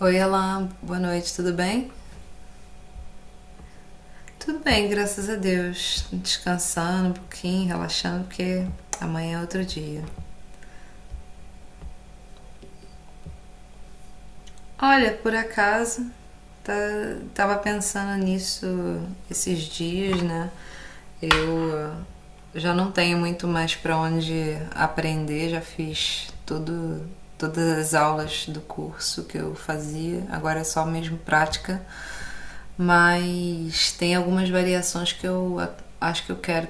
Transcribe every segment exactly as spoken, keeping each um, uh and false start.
Oi, Alan, boa noite, tudo bem? Tudo bem, graças a Deus. Descansando um pouquinho, relaxando, porque amanhã é outro dia. Olha, por acaso, tá, tava pensando nisso esses dias, né? Eu eh, já não tenho muito mais para onde aprender, já fiz tudo, todas as aulas do curso que eu fazia, agora é só mesmo prática, mas tem algumas variações que eu acho que eu quero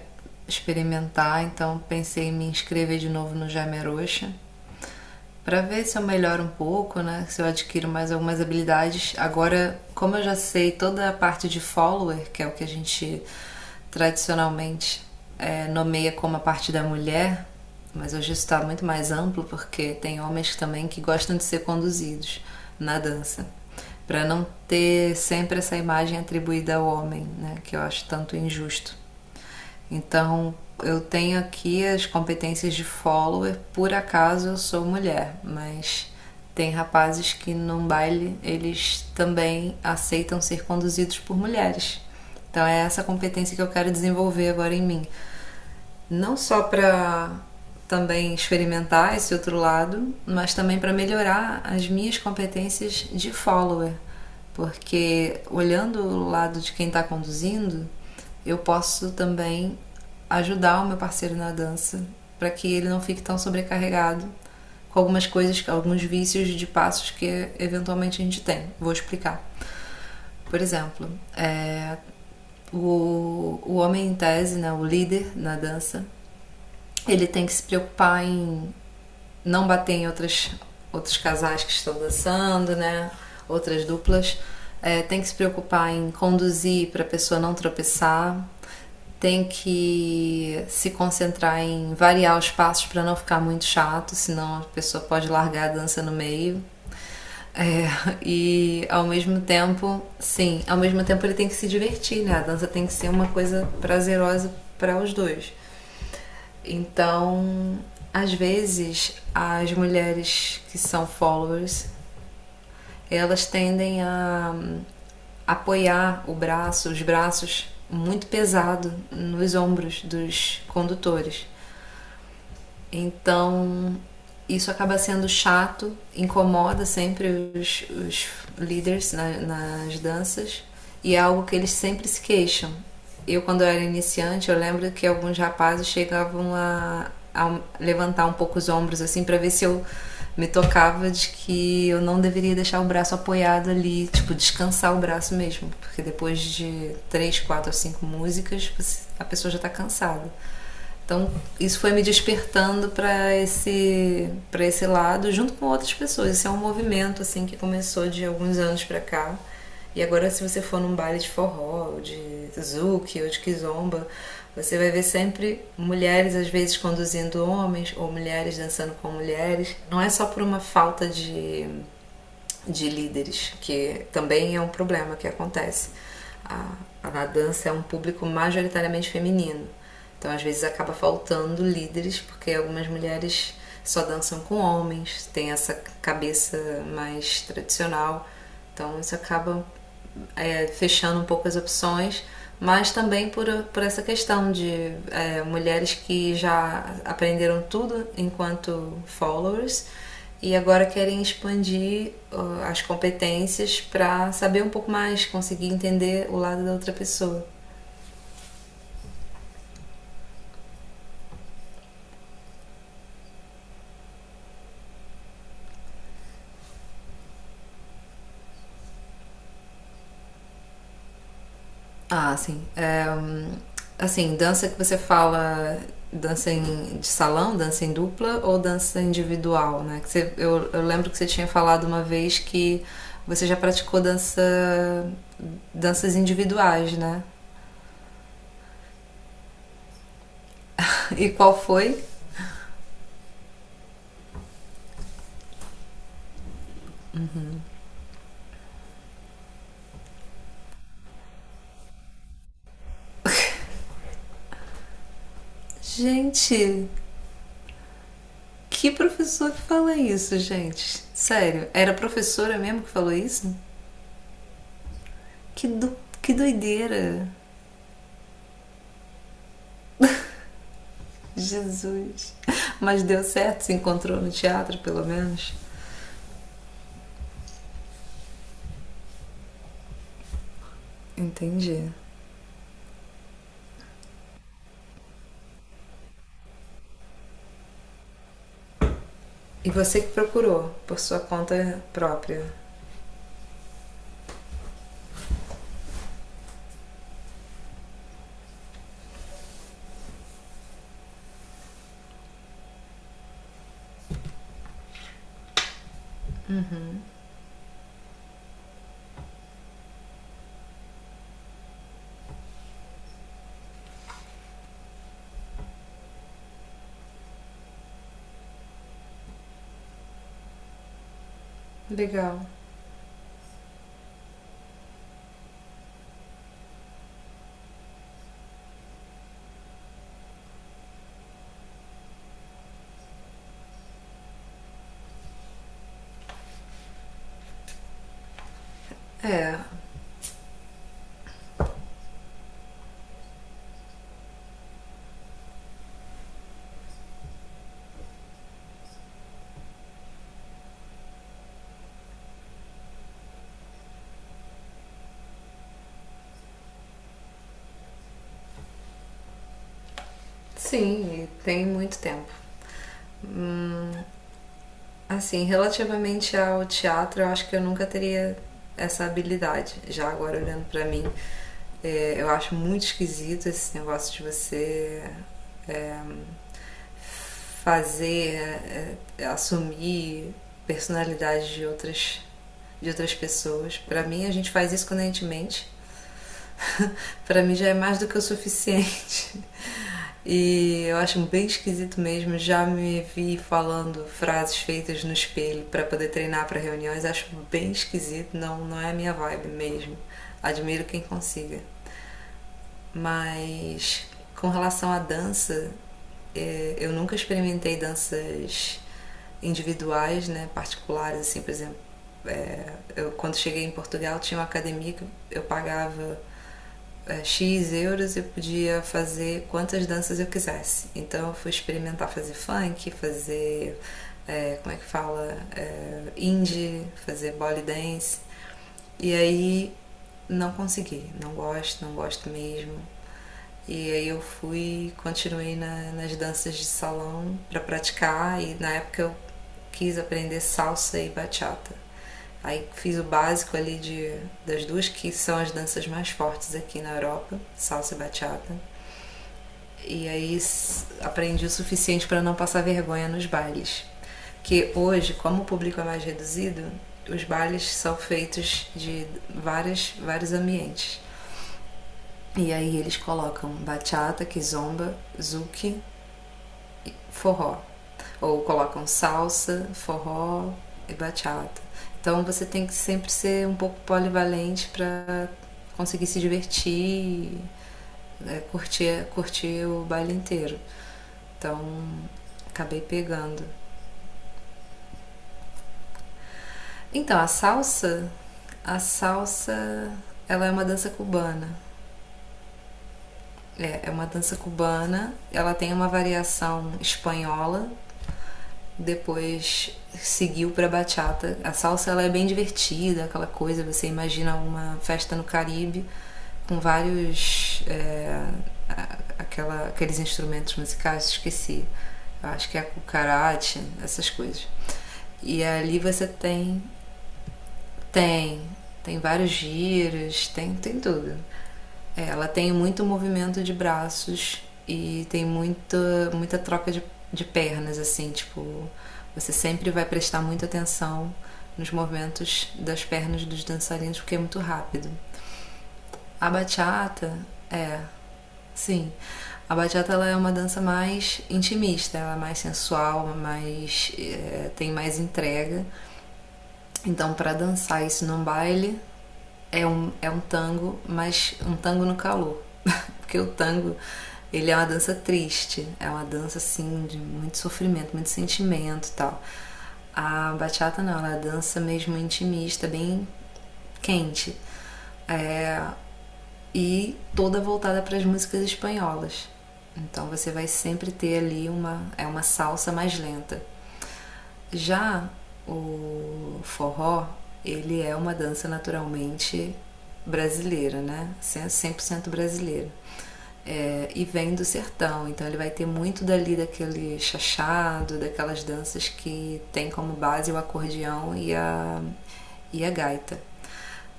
experimentar, então pensei em me inscrever de novo no Jamerosha para ver se eu melhoro um pouco, né? Se eu adquiro mais algumas habilidades. Agora, como eu já sei toda a parte de follower, que é o que a gente tradicionalmente é, nomeia como a parte da mulher, mas hoje isso está muito mais amplo porque tem homens também que gostam de ser conduzidos na dança, para não ter sempre essa imagem atribuída ao homem, né? Que eu acho tanto injusto. Então, eu tenho aqui as competências de follower, por acaso eu sou mulher, mas tem rapazes que num baile eles também aceitam ser conduzidos por mulheres. Então é essa competência que eu quero desenvolver agora em mim, não só para também experimentar esse outro lado, mas também para melhorar as minhas competências de follower, porque olhando o lado de quem está conduzindo, eu posso também ajudar o meu parceiro na dança para que ele não fique tão sobrecarregado com algumas coisas, com alguns vícios de passos que eventualmente a gente tem. Vou explicar. Por exemplo, é, o, o homem em tese, né, o líder na dança, ele tem que se preocupar em não bater em outras, outros casais que estão dançando, né? Outras duplas. É, tem que se preocupar em conduzir para a pessoa não tropeçar. Tem que se concentrar em variar os passos para não ficar muito chato, senão a pessoa pode largar a dança no meio. É, e ao mesmo tempo, sim, ao mesmo tempo ele tem que se divertir, né? A dança tem que ser uma coisa prazerosa para os dois. Então, às vezes, as mulheres que são followers, elas tendem a hum, apoiar o braço, os braços muito pesado nos ombros dos condutores. Então, isso acaba sendo chato, incomoda sempre os, os líderes na- nas danças, e é algo que eles sempre se queixam. Eu, quando eu era iniciante, eu lembro que alguns rapazes chegavam a, a levantar um pouco os ombros assim para ver se eu me tocava de que eu não deveria deixar o braço apoiado ali, tipo, descansar o braço mesmo, porque depois de três, quatro ou cinco músicas, a pessoa já tá cansada. Então, isso foi me despertando para esse para esse lado junto com outras pessoas. Esse é um movimento assim que começou de alguns anos para cá. E agora se você for num baile de forró, ou de zouk ou de kizomba, você vai ver sempre mulheres às vezes conduzindo homens ou mulheres dançando com mulheres. Não é só por uma falta de de líderes, que também é um problema que acontece. A, a dança é um público majoritariamente feminino, então às vezes acaba faltando líderes porque algumas mulheres só dançam com homens, tem essa cabeça mais tradicional, então isso acaba, é, fechando um pouco as opções, mas também por, por, essa questão de é, mulheres que já aprenderam tudo enquanto followers e agora querem expandir uh, as competências para saber um pouco mais, conseguir entender o lado da outra pessoa. Ah, sim. É, hum, assim, dança que você fala, dança em, de salão, dança em dupla ou dança individual, né? Que você- eu, eu lembro que você tinha falado uma vez que você já praticou dança danças individuais, né? E qual foi? Gente, que professor que fala isso, gente? Sério, era a professora mesmo que falou isso? Que, do, que doideira! Jesus! Mas deu certo, se encontrou no teatro, pelo menos. Entendi. E você que procurou por sua conta própria. Legal. É, sim, e tem muito tempo. Assim, relativamente ao teatro, eu acho que eu nunca teria essa habilidade. Já agora olhando pra mim, é, eu acho muito esquisito esse negócio de você é, fazer, é, é, assumir personalidade de outras de outras pessoas. Pra mim, a gente faz isso quando a gente mente, para mim já é mais do que o suficiente. E eu acho bem esquisito mesmo. Já me vi falando frases feitas no espelho para poder treinar para reuniões. Acho bem esquisito. Não, não é a minha vibe mesmo. Admiro quem consiga. Mas com relação à dança, é, eu nunca experimentei danças individuais, né, particulares, assim, por exemplo. É, eu, quando cheguei em Portugal, tinha uma academia que eu pagava É, X euros, eu podia fazer quantas danças eu quisesse. Então eu fui experimentar fazer funk, fazer. É, como é que fala? É, indie, fazer body dance. E aí não consegui, não gosto, não gosto mesmo. E aí eu fui, continuei na- nas danças de salão para praticar, e na época eu quis aprender salsa e bachata. Aí fiz o básico ali de, das duas que são as danças mais fortes aqui na Europa, salsa e bachata. E aí aprendi o suficiente para não passar vergonha nos bailes. Porque hoje, como o público é mais reduzido, os bailes são feitos de várias, vários ambientes. E aí eles colocam bachata, kizomba, zouk, forró. Ou colocam salsa, forró e bachata. Então você tem que sempre ser um pouco polivalente para conseguir se divertir, é, curtir, curtir, o baile inteiro. Então, acabei pegando. Então, a salsa, a salsa, ela é uma dança cubana. É, é uma dança cubana, ela tem uma variação espanhola, depois seguiu para bachata. A salsa, ela é bem divertida, aquela coisa, você imagina uma festa no Caribe com vários, é, aquela, aqueles instrumentos musicais, esqueci. Acho que é o karate, essas coisas. E ali você tem. Tem, tem vários giros, tem, tem tudo. É, ela tem muito movimento de braços e tem muita, muita troca de, de pernas, assim, tipo, você sempre vai prestar muita atenção nos movimentos das pernas dos dançarinos porque é muito rápido. A bachata, é, sim. A bachata, ela é uma dança mais intimista, ela é mais sensual, mais, é, tem mais entrega. Então, para dançar isso num baile, é um, é um tango, mas um tango no calor. Porque o tango, ele é uma dança triste, é uma dança assim de muito sofrimento, muito sentimento e tal. A bachata não, ela é uma dança mesmo intimista, bem quente. É, e toda voltada para as músicas espanholas. Então você vai sempre ter ali uma é uma salsa mais lenta. Já o forró, ele é uma dança naturalmente brasileira, né? cem por cento brasileira. É, e vem do sertão, então ele vai ter muito dali daquele chachado, daquelas danças que tem como base o acordeão e a, e a gaita.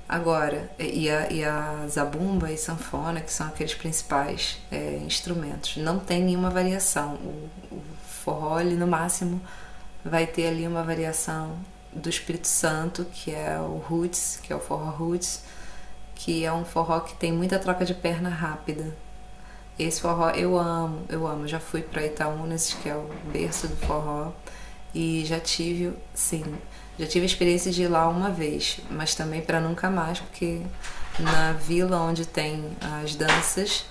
Agora, e a, e a zabumba e sanfona, que são aqueles principais, é, instrumentos. Não tem nenhuma variação. O, o forró, ele, no máximo, vai ter ali uma variação do Espírito Santo, que é o roots, que é o forró roots, que é um forró que tem muita troca de perna rápida. Esse forró eu amo, eu amo. Já fui para Itaúnas, que é o berço do forró, e já tive, sim, já tive a experiência de ir lá uma vez, mas também para nunca mais, porque na vila onde tem as danças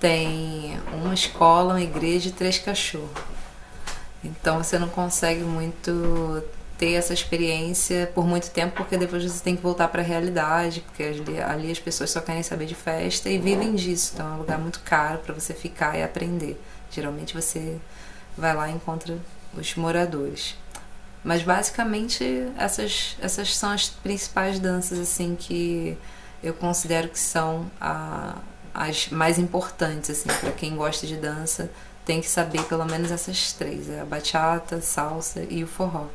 tem uma escola, uma igreja e três cachorros. Então você não consegue muito ter essa experiência por muito tempo, porque depois você tem que voltar para a realidade, porque ali, ali as pessoas só querem saber de festa e vivem disso. Então é um lugar muito caro para você ficar e aprender. Geralmente você vai lá e encontra os moradores. Mas basicamente essas, essas são as principais danças assim que eu considero que são a, as mais importantes, assim para quem gosta de dança tem que saber pelo menos essas três, é a bachata, salsa e o forró.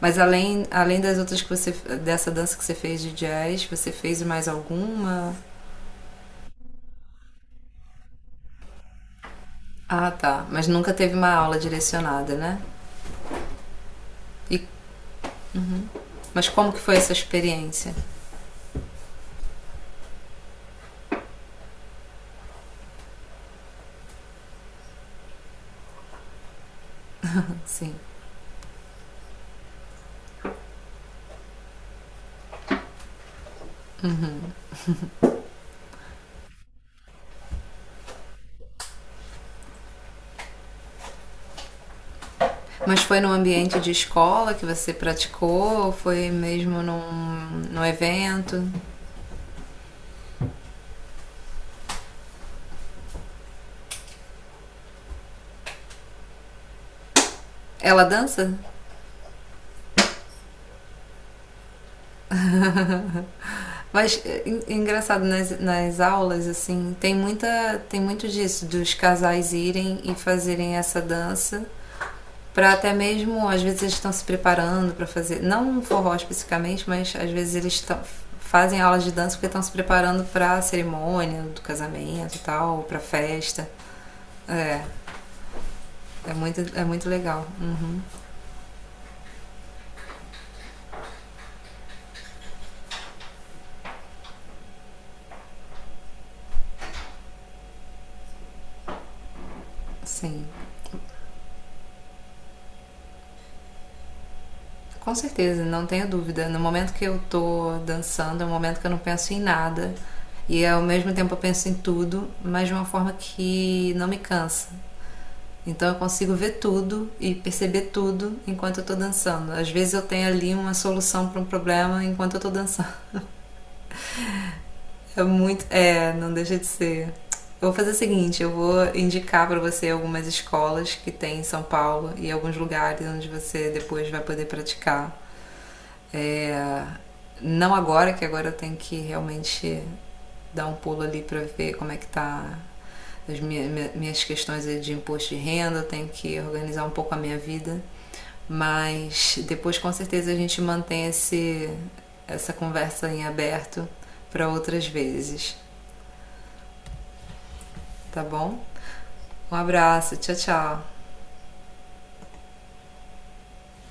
Mas além, além das outras, que você dessa dança que você fez de jazz, você fez mais alguma? Ah, tá, mas nunca teve uma aula direcionada, né? E, mas como que foi essa experiência? Sim. Mas foi num ambiente de escola que você praticou? Ou foi mesmo num, num evento? Ela dança? Mas é engraçado, nas, nas aulas, assim, tem muita. Tem muito disso, dos casais irem e fazerem essa dança, para até mesmo, às vezes eles estão se preparando para fazer, não um forró especificamente, mas às vezes eles estão fazem aulas de dança porque estão se preparando para a cerimônia do casamento e tal, para a festa. É, É muito, é muito legal. Uhum, sim. Com certeza, não tenho dúvida. No momento que eu tô dançando, é um momento que eu não penso em nada. E ao mesmo tempo eu penso em tudo, mas de uma forma que não me cansa. Então eu consigo ver tudo e perceber tudo enquanto eu tô dançando. Às vezes eu tenho ali uma solução para um problema enquanto eu tô dançando. É muito. É, não deixa de ser. Eu vou fazer o seguinte, eu vou indicar para você algumas escolas que tem em São Paulo e alguns lugares onde você depois vai poder praticar. É, não agora, que agora eu tenho que realmente dar um pulo ali para ver como é que tá as minhas minhas questões de imposto de renda, eu tenho que organizar um pouco a minha vida. Mas depois com certeza a gente mantém esse, essa conversa em aberto para outras vezes, tá bom? Um abraço, tchau, tchau.